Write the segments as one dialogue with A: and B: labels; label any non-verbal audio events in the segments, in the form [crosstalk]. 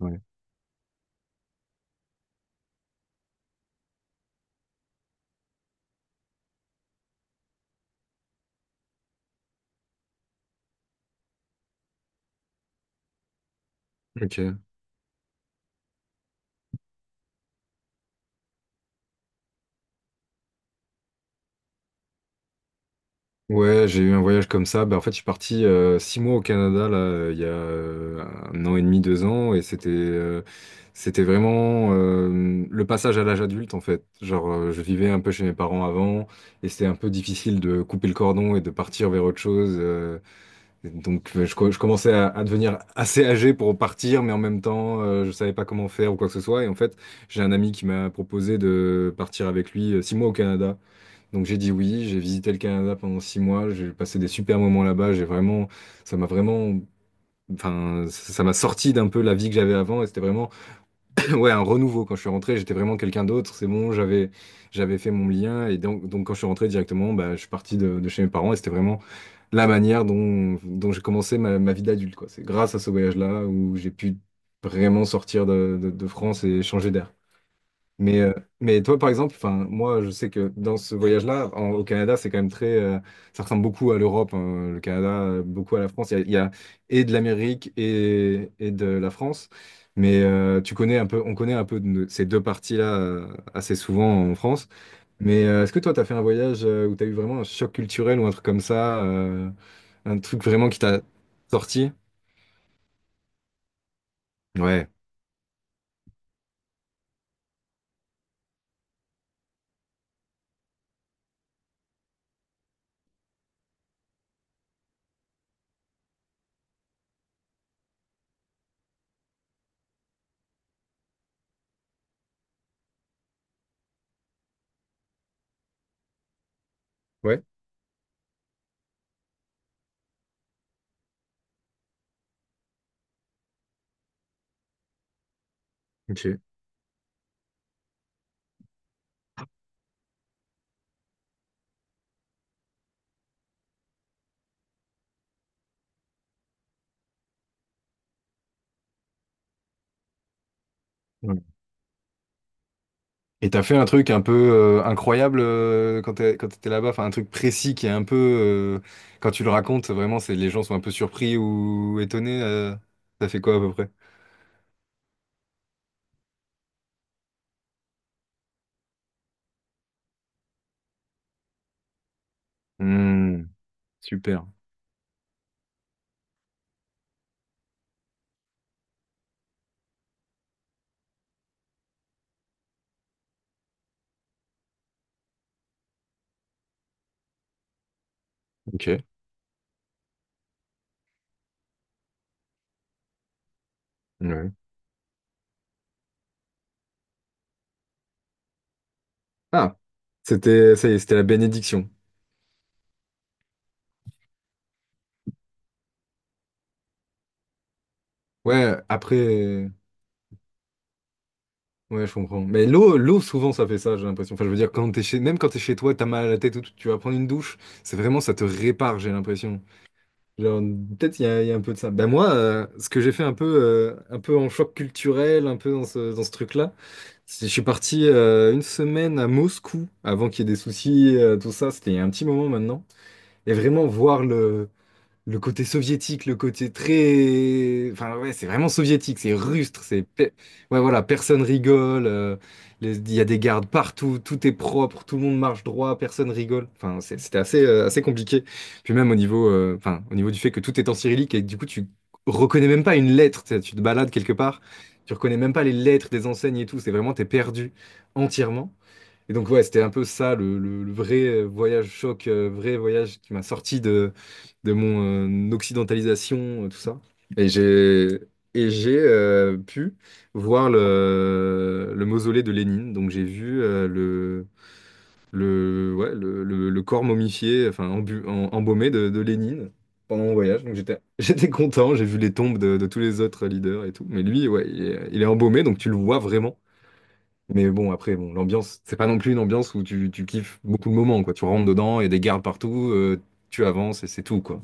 A: Ouais. Ok. Ouais, j'ai eu un voyage comme ça. Bah, en fait, je suis parti 6 mois au Canada là, il y a 1 an et demi, 2 ans, et c'était vraiment le passage à l'âge adulte en fait. Genre, je vivais un peu chez mes parents avant, et c'était un peu difficile de couper le cordon et de partir vers autre chose. Et donc, je commençais à devenir assez âgé pour partir, mais en même temps, je savais pas comment faire ou quoi que ce soit. Et en fait, j'ai un ami qui m'a proposé de partir avec lui 6 mois au Canada. Donc j'ai dit oui, j'ai visité le Canada pendant 6 mois, j'ai passé des super moments là-bas, j'ai vraiment, ça m'a vraiment, enfin, ça m'a sorti d'un peu la vie que j'avais avant et c'était vraiment, [coughs] [clears throat] ouais, un renouveau. Quand je suis rentré, j'étais vraiment quelqu'un d'autre, c'est bon, j'avais fait mon lien et donc, quand je suis rentré directement, bah, je suis parti de chez mes parents et c'était vraiment la manière dont j'ai commencé ma vie d'adulte, quoi. C'est grâce à ce voyage-là où j'ai pu vraiment sortir de France et changer d'air. Mais, euh, mais toi, par exemple, enfin, moi, je sais que dans ce voyage-là, au Canada, c'est quand même très, ça ressemble beaucoup à l'Europe, hein, le Canada, beaucoup à la France. Il y a et de l'Amérique et de la France. Mais tu connais un peu, on connaît un peu ces deux parties-là assez souvent en France. Mais est-ce que toi, tu as fait un voyage où tu as eu vraiment un choc culturel ou un truc comme ça, un truc vraiment qui t'a sorti? Ouais. Ouais. Ok. Ouais. Et t'as fait un truc un peu incroyable quand t'étais là-bas, enfin un truc précis qui est un peu, quand tu le racontes, vraiment, c'est les gens sont un peu surpris ou étonnés. T'as fait quoi à peu près? Hmm, super. Ok. Ouais. Ah, c'était, ça y est, c'était la bénédiction. Ouais, après, ouais, je comprends. Mais l'eau, souvent, ça fait ça, j'ai l'impression. Enfin, je veux dire, quand t'es chez, même quand t'es chez toi, t'as mal à la tête ou tout, tu vas prendre une douche, c'est vraiment, ça te répare, j'ai l'impression. Genre, peut-être il y a un peu de ça. Ben moi, ce que j'ai fait un peu en choc culturel, un peu dans ce truc-là, c'est je suis parti 1 semaine à Moscou avant qu'il y ait des soucis, tout ça. C'était il y a un petit moment maintenant. Et vraiment voir le côté soviétique, le côté très… Enfin, ouais, c'est vraiment soviétique, c'est rustre, c'est… Ouais, voilà, personne rigole, il y a des gardes partout, tout est propre, tout le monde marche droit, personne rigole. Enfin, c'était assez, assez compliqué. Puis même au niveau, enfin, au niveau du fait que tout est en cyrillique et que du coup, tu reconnais même pas une lettre, tu sais, tu te balades quelque part, tu reconnais même pas les lettres des enseignes et tout, c'est vraiment, t'es perdu entièrement. Et donc, ouais, c'était un peu ça, le vrai voyage choc, vrai voyage qui m'a sorti de mon occidentalisation, tout ça. Et j'ai et j'ai pu voir le mausolée de Lénine. Donc, j'ai vu ouais, le corps momifié, enfin, embaumé de Lénine pendant mon voyage. Donc, j'étais, [laughs] j'étais content. J'ai vu les tombes de tous les autres leaders et tout. Mais lui, ouais, il est embaumé, donc tu le vois vraiment. Mais bon, après, bon, l'ambiance, c'est pas non plus une ambiance où tu kiffes beaucoup le moment, quoi. Tu rentres dedans, il y a des gardes partout, tu avances et c'est tout, quoi.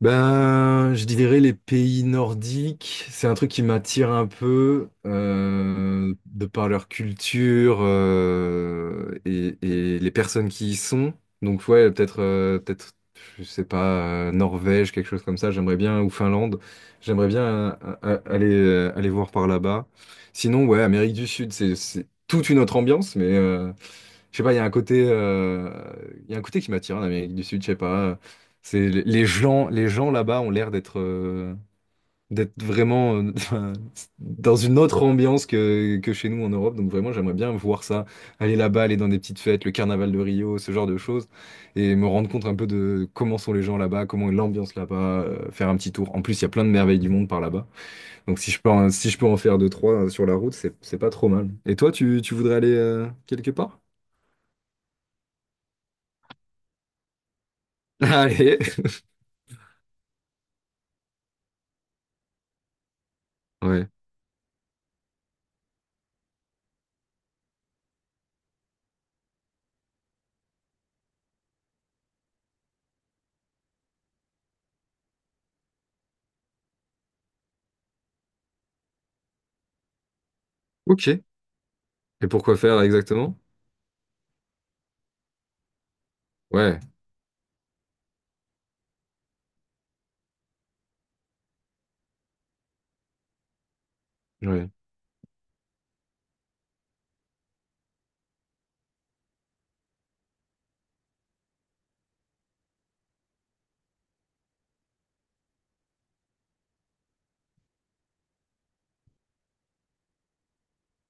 A: Ben, je dirais les pays nordiques, c'est un truc qui m'attire un peu de par leur culture et les personnes qui y sont. Donc ouais, peut-être je sais pas Norvège, quelque chose comme ça, j'aimerais bien ou Finlande, j'aimerais bien aller voir par là-bas. Sinon ouais, Amérique du Sud, c'est toute une autre ambiance mais je sais pas, il y a un côté, il y a un côté qui m'attire en Amérique du Sud, je sais pas. C'est les gens là-bas ont l'air d'être d'être vraiment [laughs] dans une autre ambiance que chez nous en Europe. Donc vraiment, j'aimerais bien voir ça, aller là-bas, aller dans des petites fêtes, le carnaval de Rio, ce genre de choses, et me rendre compte un peu de comment sont les gens là-bas, comment est l'ambiance là-bas, faire un petit tour. En plus, il y a plein de merveilles du monde par là-bas. Donc si je peux, si je peux en faire deux, trois sur la route, c'est pas trop mal. Et toi, tu voudrais aller quelque part? [laughs] Allez. Ouais. Ok. Et pourquoi faire exactement? Ouais. Ouais.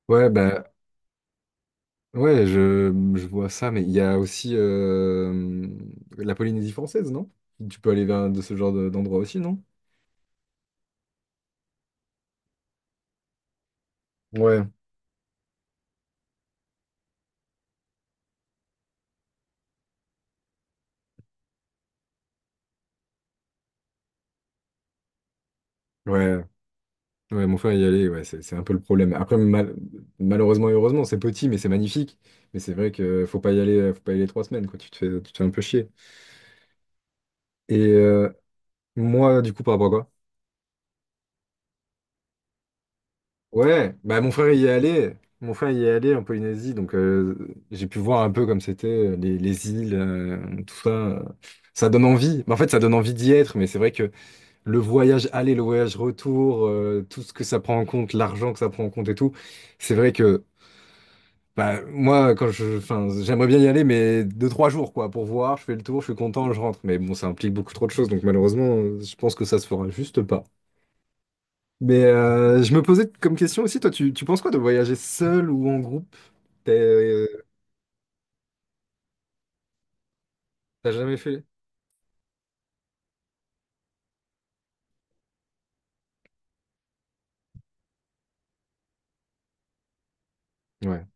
A: Ouais, bah, ouais, je vois ça, mais il y a aussi la Polynésie française, non? Tu peux aller vers de ce d'endroit aussi, non? Ouais. Ouais. Ouais, mon frère y allait, ouais, c'est un peu le problème. Après, malheureusement et heureusement, c'est petit, mais c'est magnifique. Mais c'est vrai que faut pas y aller, faut pas y aller 3 semaines, quoi. Tu te fais un peu chier. Et moi, du coup, par rapport à quoi? Ouais, bah mon frère y est allé en Polynésie, donc j'ai pu voir un peu comme c'était les îles, tout ça. Ça donne envie. Mais en fait, ça donne envie d'y être, mais c'est vrai que le voyage aller, le voyage retour, tout ce que ça prend en compte, l'argent que ça prend en compte et tout, c'est vrai que bah, moi, quand je, enfin, j'aimerais bien y aller, mais deux, trois jours quoi, pour voir, je fais le tour, je suis content, je rentre. Mais bon, ça implique beaucoup trop de choses, donc malheureusement, je pense que ça se fera juste pas. Mais je me posais comme question aussi, toi, tu penses quoi de voyager seul ou en groupe? T'es- euh, T'as jamais fait? Ouais.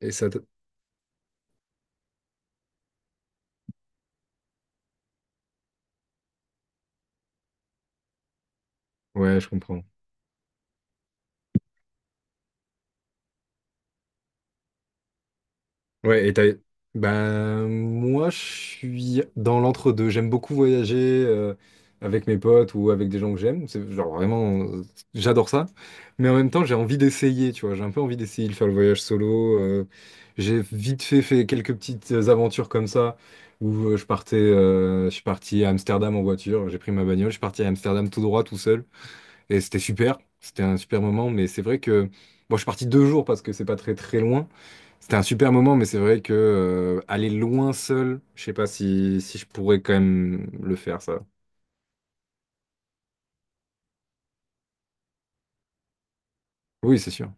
A: Et ça te- Ouais, je comprends. Ouais, et t'as… Ben, moi, je suis dans l'entre-deux. J'aime beaucoup voyager euh, avec mes potes ou avec des gens que j'aime. C'est genre vraiment, j'adore ça. Mais en même temps, j'ai envie d'essayer, tu vois. J'ai un peu envie d'essayer de faire le voyage solo. J'ai vite fait fait quelques petites aventures comme ça où je partais, je suis parti à Amsterdam en voiture. J'ai pris ma bagnole, je suis parti à Amsterdam tout droit, tout seul. Et c'était super. C'était un super moment. Mais c'est vrai que, bon, je suis parti 2 jours parce que c'est pas très très loin. C'était un super moment, mais c'est vrai que aller loin seul, je sais pas si, si je pourrais quand même le faire, ça. Oui, c'est sûr.